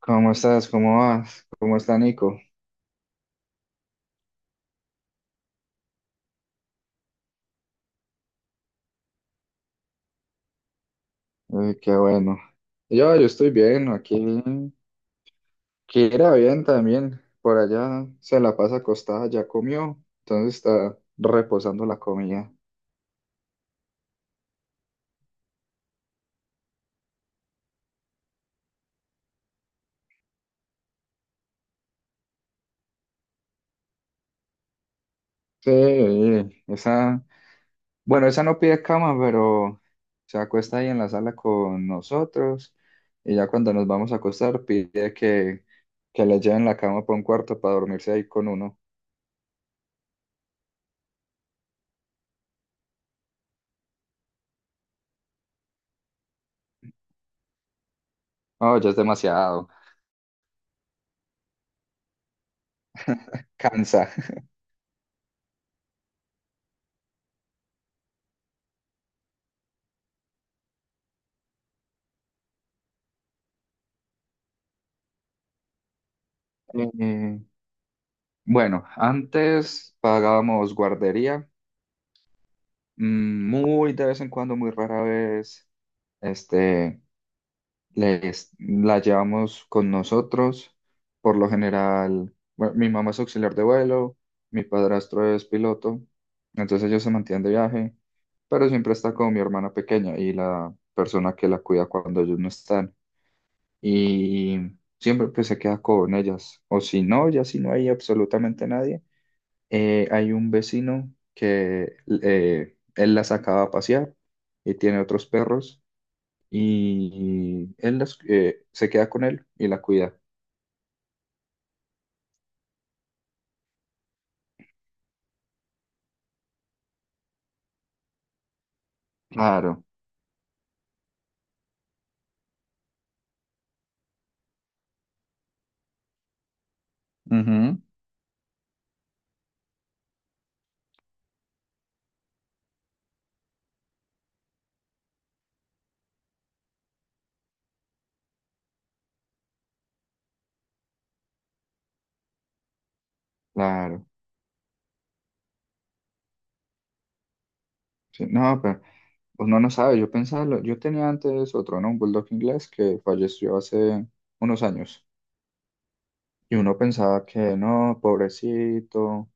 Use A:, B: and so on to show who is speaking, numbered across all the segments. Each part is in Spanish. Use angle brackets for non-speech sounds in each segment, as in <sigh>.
A: ¿Cómo estás? ¿Cómo vas? ¿Cómo está Nico? Qué bueno. Yo estoy bien, aquí. Kira bien también. Por allá se la pasa acostada, ya comió, entonces está reposando la comida. Sí, esa, bueno, esa no pide cama, pero se acuesta ahí en la sala con nosotros y ya cuando nos vamos a acostar pide que le lleven la cama para un cuarto para dormirse ahí con uno. Oh, ya es demasiado, cansa. <laughs> Eh, Bueno, antes pagábamos guardería, muy de vez en cuando, muy rara vez, este, la llevamos con nosotros. Por lo general, bueno, mi mamá es auxiliar de vuelo, mi padrastro es piloto, entonces ellos se mantienen de viaje, pero siempre está con mi hermana pequeña y la persona que la cuida cuando ellos no están. Y siempre pues se queda con ellas, o si no, ya si no hay absolutamente nadie, hay un vecino que él la sacaba a pasear y tiene otros perros y él se queda con él y la cuida. Claro. Ujú. Claro. Sí, no, pero pues, uno no sabe. Yo pensaba, yo tenía antes otro, ¿no? Un bulldog inglés que falleció hace unos años y uno pensaba que no, pobrecito,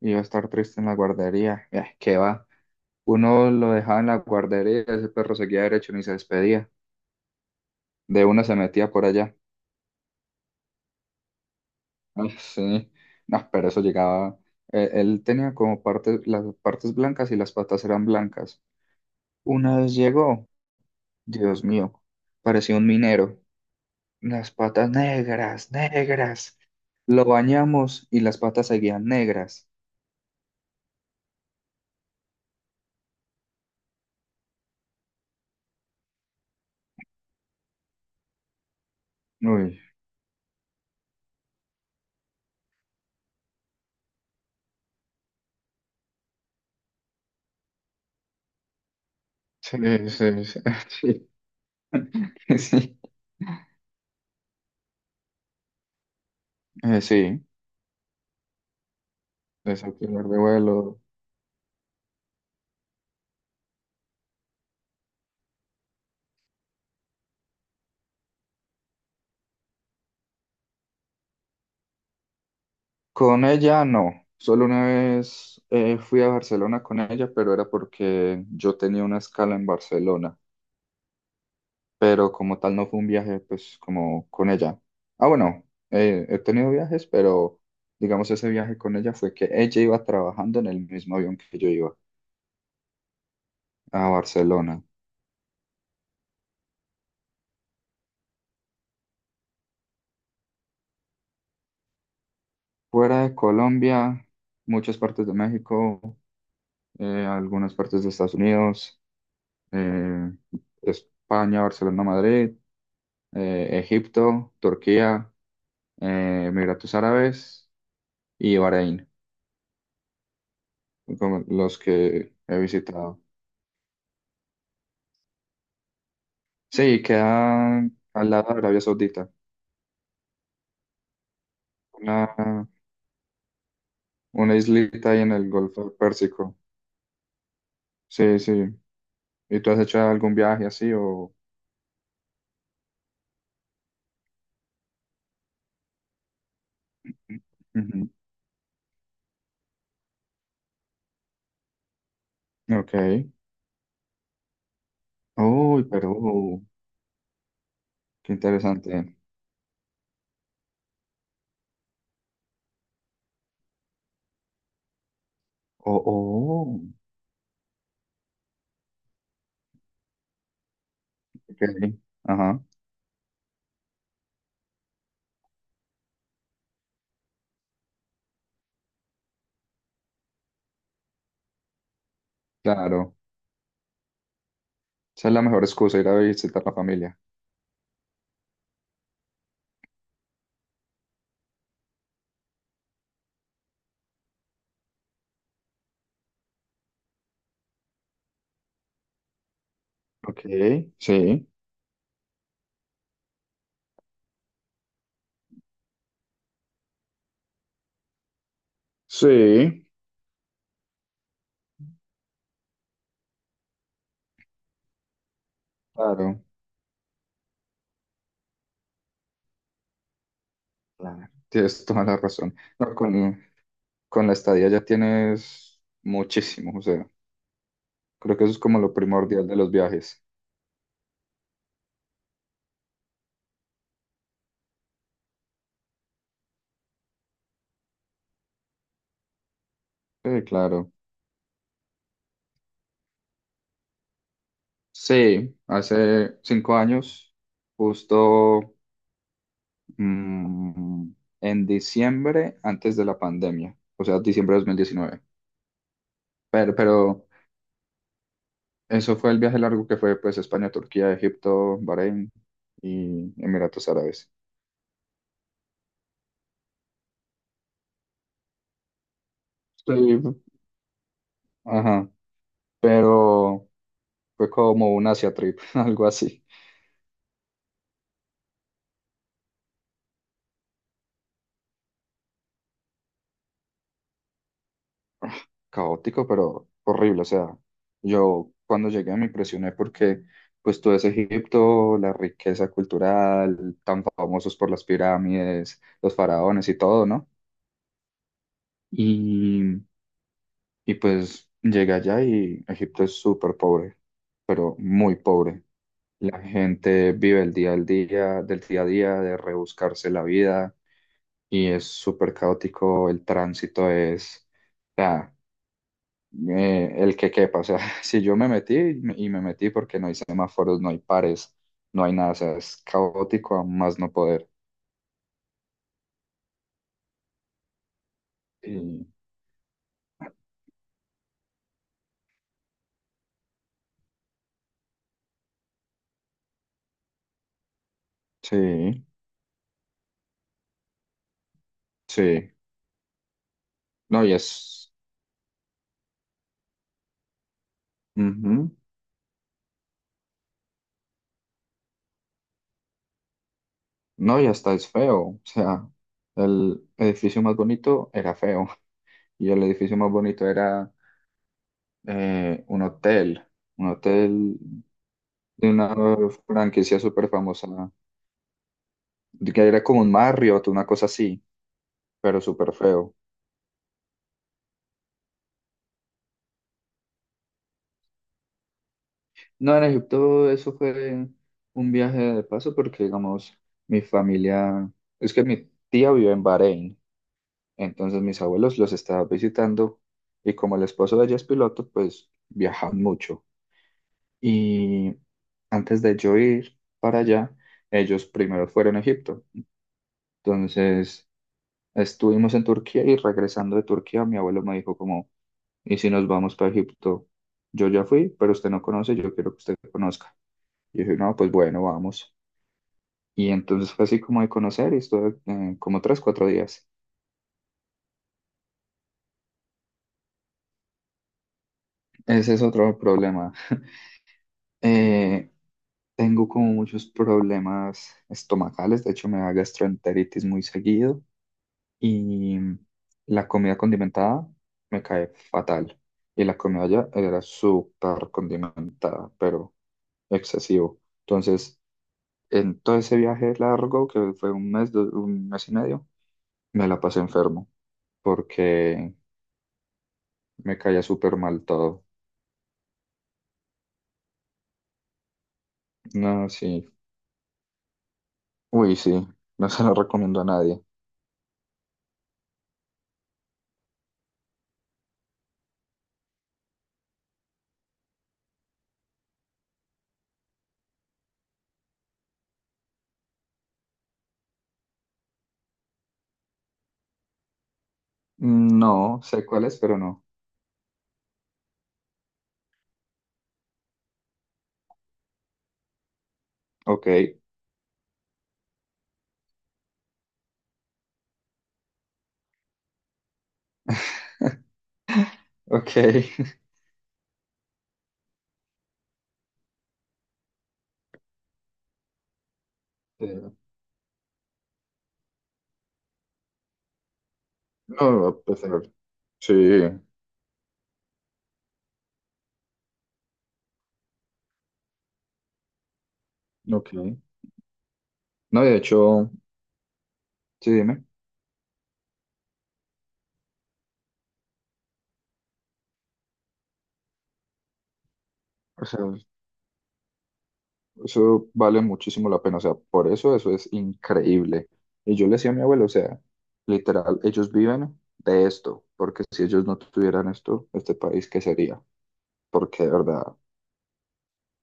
A: iba a estar triste en la guardería. ¿Qué va? Uno lo dejaba en la guardería, ese perro seguía derecho ni se despedía. De una se metía por allá. Ay, sí. No, pero eso llegaba. Él tenía como partes, las partes blancas y las patas eran blancas. Una vez llegó, Dios mío, parecía un minero. Las patas negras, negras. Lo bañamos y las patas seguían negras. Uy, sí, sí, sí. <laughs> Sí, sí, sí. Desauxiliar de vuelo. Con ella no, solo una vez fui a Barcelona con ella, pero era porque yo tenía una escala en Barcelona, pero como tal no fue un viaje pues como con ella. Ah, bueno, he tenido viajes, pero digamos ese viaje con ella fue que ella iba trabajando en el mismo avión que yo iba a Barcelona. Fuera de Colombia, muchas partes de México, algunas partes de Estados Unidos, eh, España, Barcelona, Madrid, Egipto, Turquía. Emiratos Árabes y Bahrein, como los que he visitado. Sí, queda al lado de Arabia Saudita, una, una islita ahí en el Golfo Pérsico. Sí, sí. ¿Y tú has hecho algún viaje así o? Ujú. Ok. Uy, Perú, qué interesante. Oh, oh, ok. Ajá, claro. Esa es la mejor excusa, ir a visitar a la familia. Ok, sí. Sí, claro. Claro, tienes toda la razón. No, con la estadía ya tienes muchísimo, o sea, creo que eso es como lo primordial de los viajes. Sí, claro. Sí, hace 5 años, justo mm, en diciembre, antes de la pandemia, o sea, diciembre de 2019. Pero eso fue el viaje largo que fue, pues, España, Turquía, Egipto, Bahrein y Emiratos Árabes. Sí, ajá, pero fue como un Asia trip, <laughs> algo así. Caótico, pero horrible. O sea, yo cuando llegué me impresioné porque pues todo ese Egipto, la riqueza cultural, tan famosos por las pirámides, los faraones y todo, ¿no? Y, y pues llegué allá y Egipto es súper pobre, pero muy pobre. La gente vive el día al día, del día a día, de rebuscarse la vida y es súper caótico. El tránsito es, sea, el que quepa. O sea, <laughs> si yo me metí, y me metí porque no hay semáforos, no hay pares, no hay nada. O sea, es caótico a más no poder. Y, sí, sí. No, y es. Ujú. No, y hasta es feo. O sea, el edificio más bonito era feo. Y el edificio más bonito era un hotel. Un hotel de una franquicia súper famosa. Que era como un Marriott, una cosa así, pero súper feo. No, en Egipto eso fue un viaje de paso porque, digamos, mi familia, es que mi tía vive en Bahrein, entonces mis abuelos los estaba visitando y como el esposo de ella es piloto, pues viajan mucho. Y antes de yo ir para allá, ellos primero fueron a Egipto. Entonces estuvimos en Turquía y regresando de Turquía, mi abuelo me dijo como, ¿y si nos vamos para Egipto? Yo ya fui, pero usted no conoce, yo quiero que usted conozca. Y dije, no, pues bueno, vamos. Y entonces fue así como de conocer y estuve como 3, 4 días. Ese es otro problema. <laughs> Eh, Tengo como muchos problemas estomacales, de hecho me da gastroenteritis muy seguido y la comida condimentada me cae fatal. Y la comida allá era súper condimentada, pero excesivo. Entonces, en todo ese viaje largo, que fue un mes, un mes y medio, me la pasé enfermo porque me caía súper mal todo. No, sí. Uy, sí. No se lo recomiendo a nadie. No, sé cuál es, pero no. Ok, <laughs> ok. <laughs> Sí. No, pues, a pesar. Sí, ok. No, de hecho, sí, dime. O sea, eso vale muchísimo la pena. O sea, por eso es increíble. Y yo le decía a mi abuelo, o sea, literal, ellos viven de esto, porque si ellos no tuvieran esto, este país, ¿qué sería? Porque de verdad.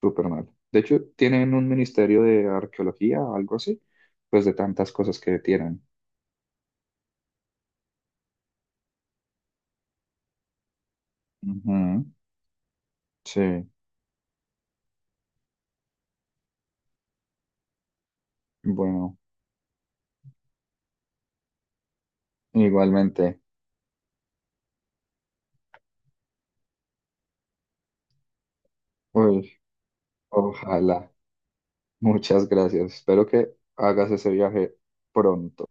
A: Súper mal. De hecho, tienen un ministerio de arqueología o algo así, pues de tantas cosas que tienen. Ujú, sí, bueno, igualmente. Uy, ojalá. Muchas gracias. Espero que hagas ese viaje pronto.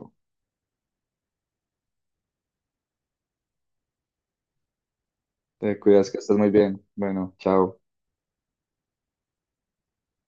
A: Te cuidas, que estés muy bien. Bueno, chao.